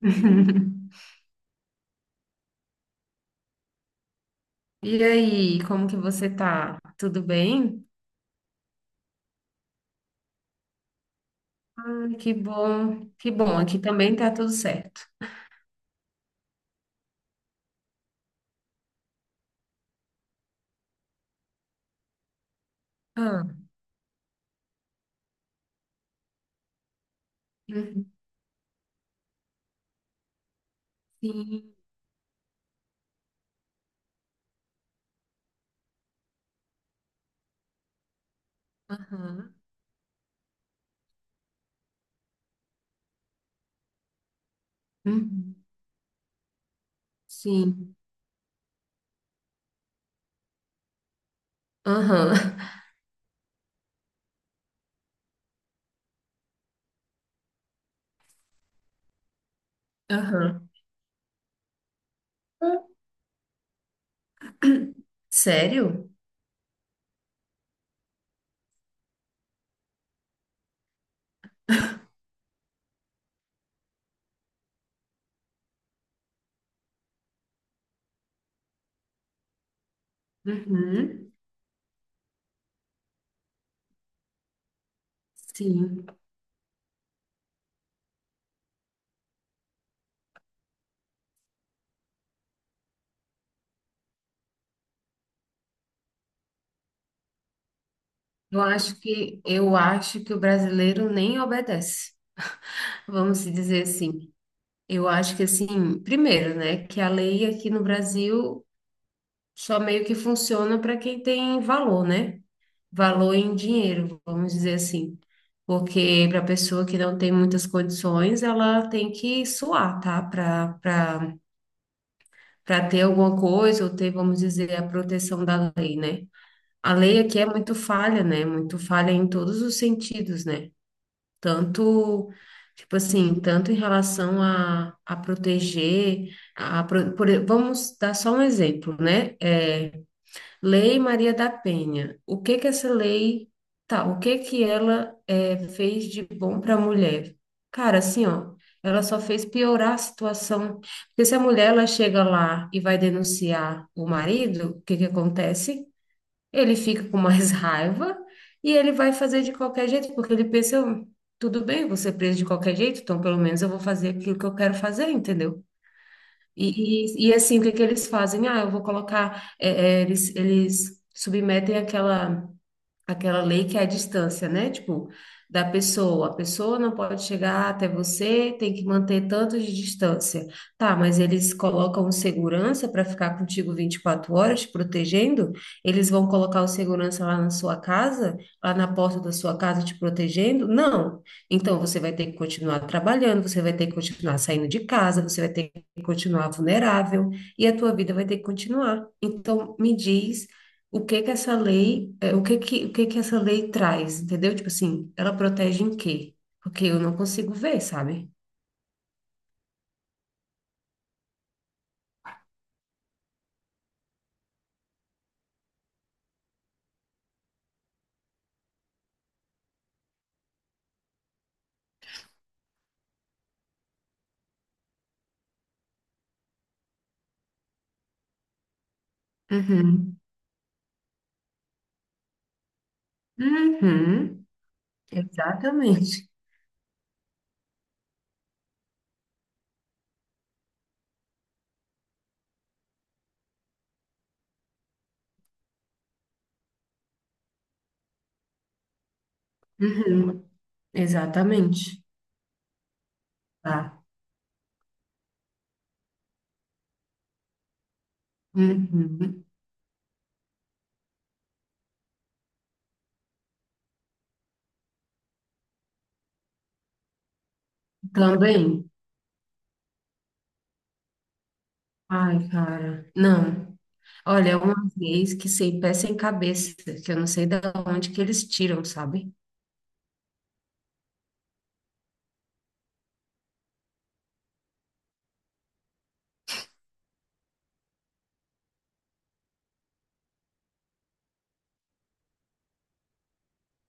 E aí, como que você tá? Tudo bem? Ah, que bom, que bom. Aqui também tá tudo certo. Ah, uhum, sim, aham, uhum, sim, aham, aham. Sério? Uhum, sim. Eu acho que o brasileiro nem obedece. Vamos dizer assim. Eu acho que assim, primeiro, né, que a lei aqui no Brasil só meio que funciona para quem tem valor, né? Valor em dinheiro, vamos dizer assim. Porque para a pessoa que não tem muitas condições, ela tem que suar, tá? Para ter alguma coisa ou ter, vamos dizer, a proteção da lei, né? A lei aqui é muito falha, né? Muito falha em todos os sentidos, né? Tanto, tipo assim, tanto em relação a proteger, por, vamos dar só um exemplo, né? É, Lei Maria da Penha. O que que essa lei, tá, o que que ela fez de bom para a mulher? Cara, assim, ó, ela só fez piorar a situação. Porque se a mulher ela chega lá e vai denunciar o marido, o que que acontece? Ele fica com mais raiva e ele vai fazer de qualquer jeito, porque ele pensa, Tudo bem, vou ser preso de qualquer jeito, então pelo menos eu vou fazer aquilo que eu quero fazer, entendeu?" E assim, o que que eles fazem? Ah, eu vou colocar, eles submetem aquela lei que é a distância, né? Tipo, da pessoa. A pessoa não pode chegar até você, tem que manter tanto de distância. Tá, mas eles colocam o segurança para ficar contigo 24 horas, te protegendo? Eles vão colocar o segurança lá na sua casa, lá na porta da sua casa, te protegendo? Não. Então, você vai ter que continuar trabalhando, você vai ter que continuar saindo de casa, você vai ter que continuar vulnerável e a tua vida vai ter que continuar. Então, me diz o que que essa lei, o que que essa lei traz, entendeu? Tipo assim, ela protege em quê? Porque eu não consigo ver, sabe? Uhum. Uhum. Exatamente. Uhum. Exatamente. Tá. Uhum. Também. Ai, cara. Não. Olha, uma vez que sem pé sem cabeça, que eu não sei da onde que eles tiram, sabe?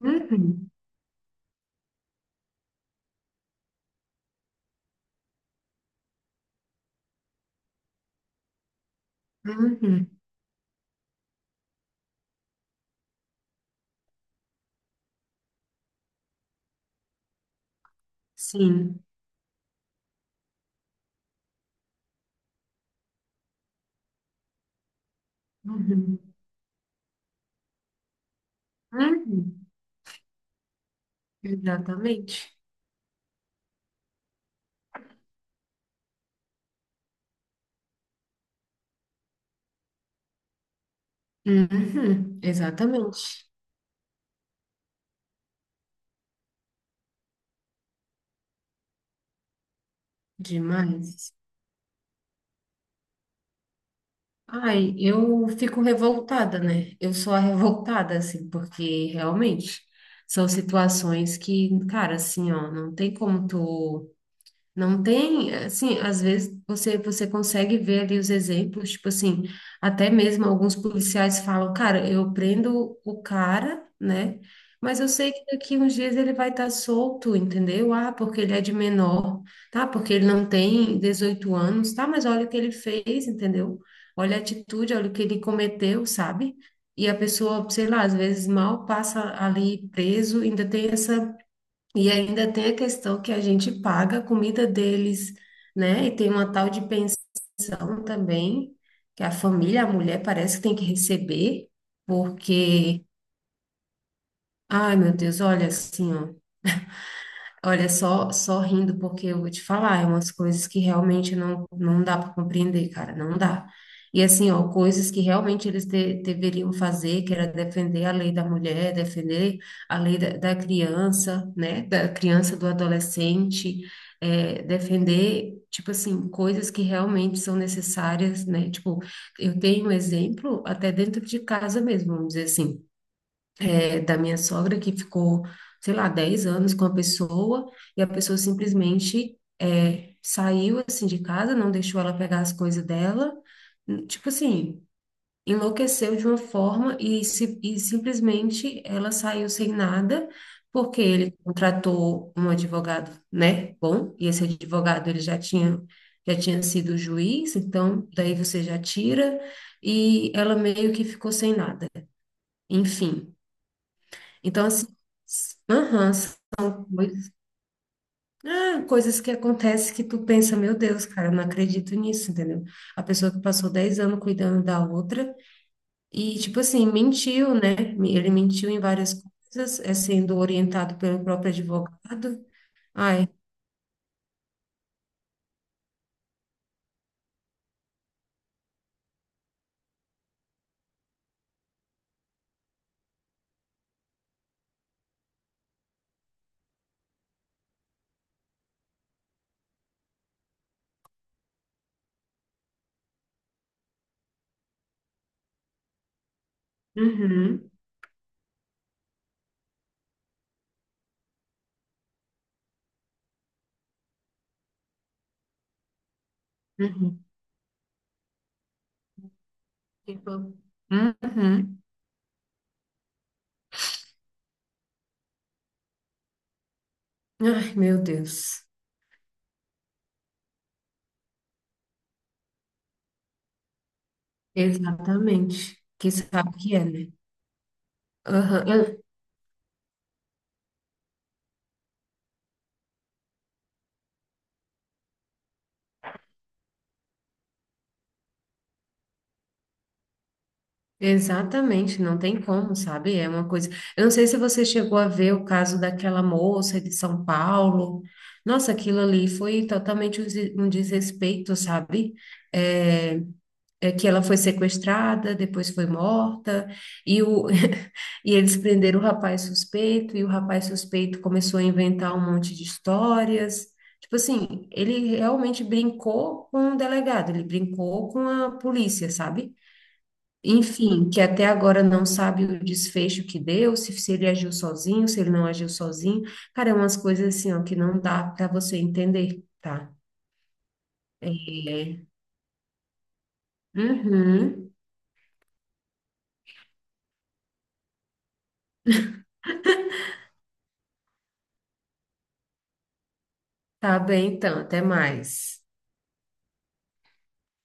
Uhum. Uhum. Sim. Uhum. Uhum. Exatamente. Uhum, exatamente. Demais. Ai, eu fico revoltada, né? Eu sou a revoltada, assim, porque realmente são situações que, cara, assim, ó, não tem como tu. Não tem, assim, às vezes você consegue ver ali os exemplos, tipo assim, até mesmo alguns policiais falam, cara, eu prendo o cara, né? Mas eu sei que daqui uns dias ele vai estar solto, entendeu? Ah, porque ele é de menor, tá? Porque ele não tem 18 anos, tá? Mas olha o que ele fez, entendeu? Olha a atitude, olha o que ele cometeu, sabe? E a pessoa, sei lá, às vezes mal passa ali preso, ainda tem essa e ainda tem a questão que a gente paga a comida deles, né? E tem uma tal de pensão também, que a família, a mulher parece que tem que receber, porque, ai meu Deus, olha assim, ó. Olha, só, só rindo, porque eu vou te falar, é umas coisas que realmente não, não dá para compreender, cara, não dá. E assim, ó, coisas que realmente eles deveriam fazer, que era defender a lei da mulher, defender a lei da criança, né, da criança, do adolescente, defender, tipo assim, coisas que realmente são necessárias, né, tipo, eu tenho um exemplo até dentro de casa mesmo, vamos dizer assim, da minha sogra que ficou, sei lá, 10 anos com a pessoa e a pessoa simplesmente saiu assim de casa, não deixou ela pegar as coisas dela, tipo assim, enlouqueceu de uma forma e simplesmente ela saiu sem nada. Porque ele contratou um advogado, né? Bom, e esse advogado ele já tinha sido juiz, então daí você já tira, e ela meio que ficou sem nada. Enfim, então, assim, aham, são coisas, ah, coisas que acontecem que tu pensa, meu Deus, cara, eu não acredito nisso, entendeu? A pessoa que passou 10 anos cuidando da outra e, tipo assim, mentiu, né? Ele mentiu em várias coisas, é sendo orientado pelo próprio advogado. Ai, uhum, uhum, tipo, uhum. Ai, meu Deus, exatamente. Que sabe o que é, né? Aham, exatamente, não tem como, sabe? É uma coisa. Eu não sei se você chegou a ver o caso daquela moça de São Paulo. Nossa, aquilo ali foi totalmente um desrespeito, sabe? É, é que ela foi sequestrada, depois foi morta, e, o, e eles prenderam o rapaz suspeito, e o rapaz suspeito começou a inventar um monte de histórias. Tipo assim, ele realmente brincou com o delegado, ele brincou com a polícia, sabe? Enfim, que até agora não sabe o desfecho que deu, se ele agiu sozinho, se ele não agiu sozinho. Cara, é umas coisas assim, ó, que não dá para você entender, tá? É. Uhum. Tá bem, então, até mais.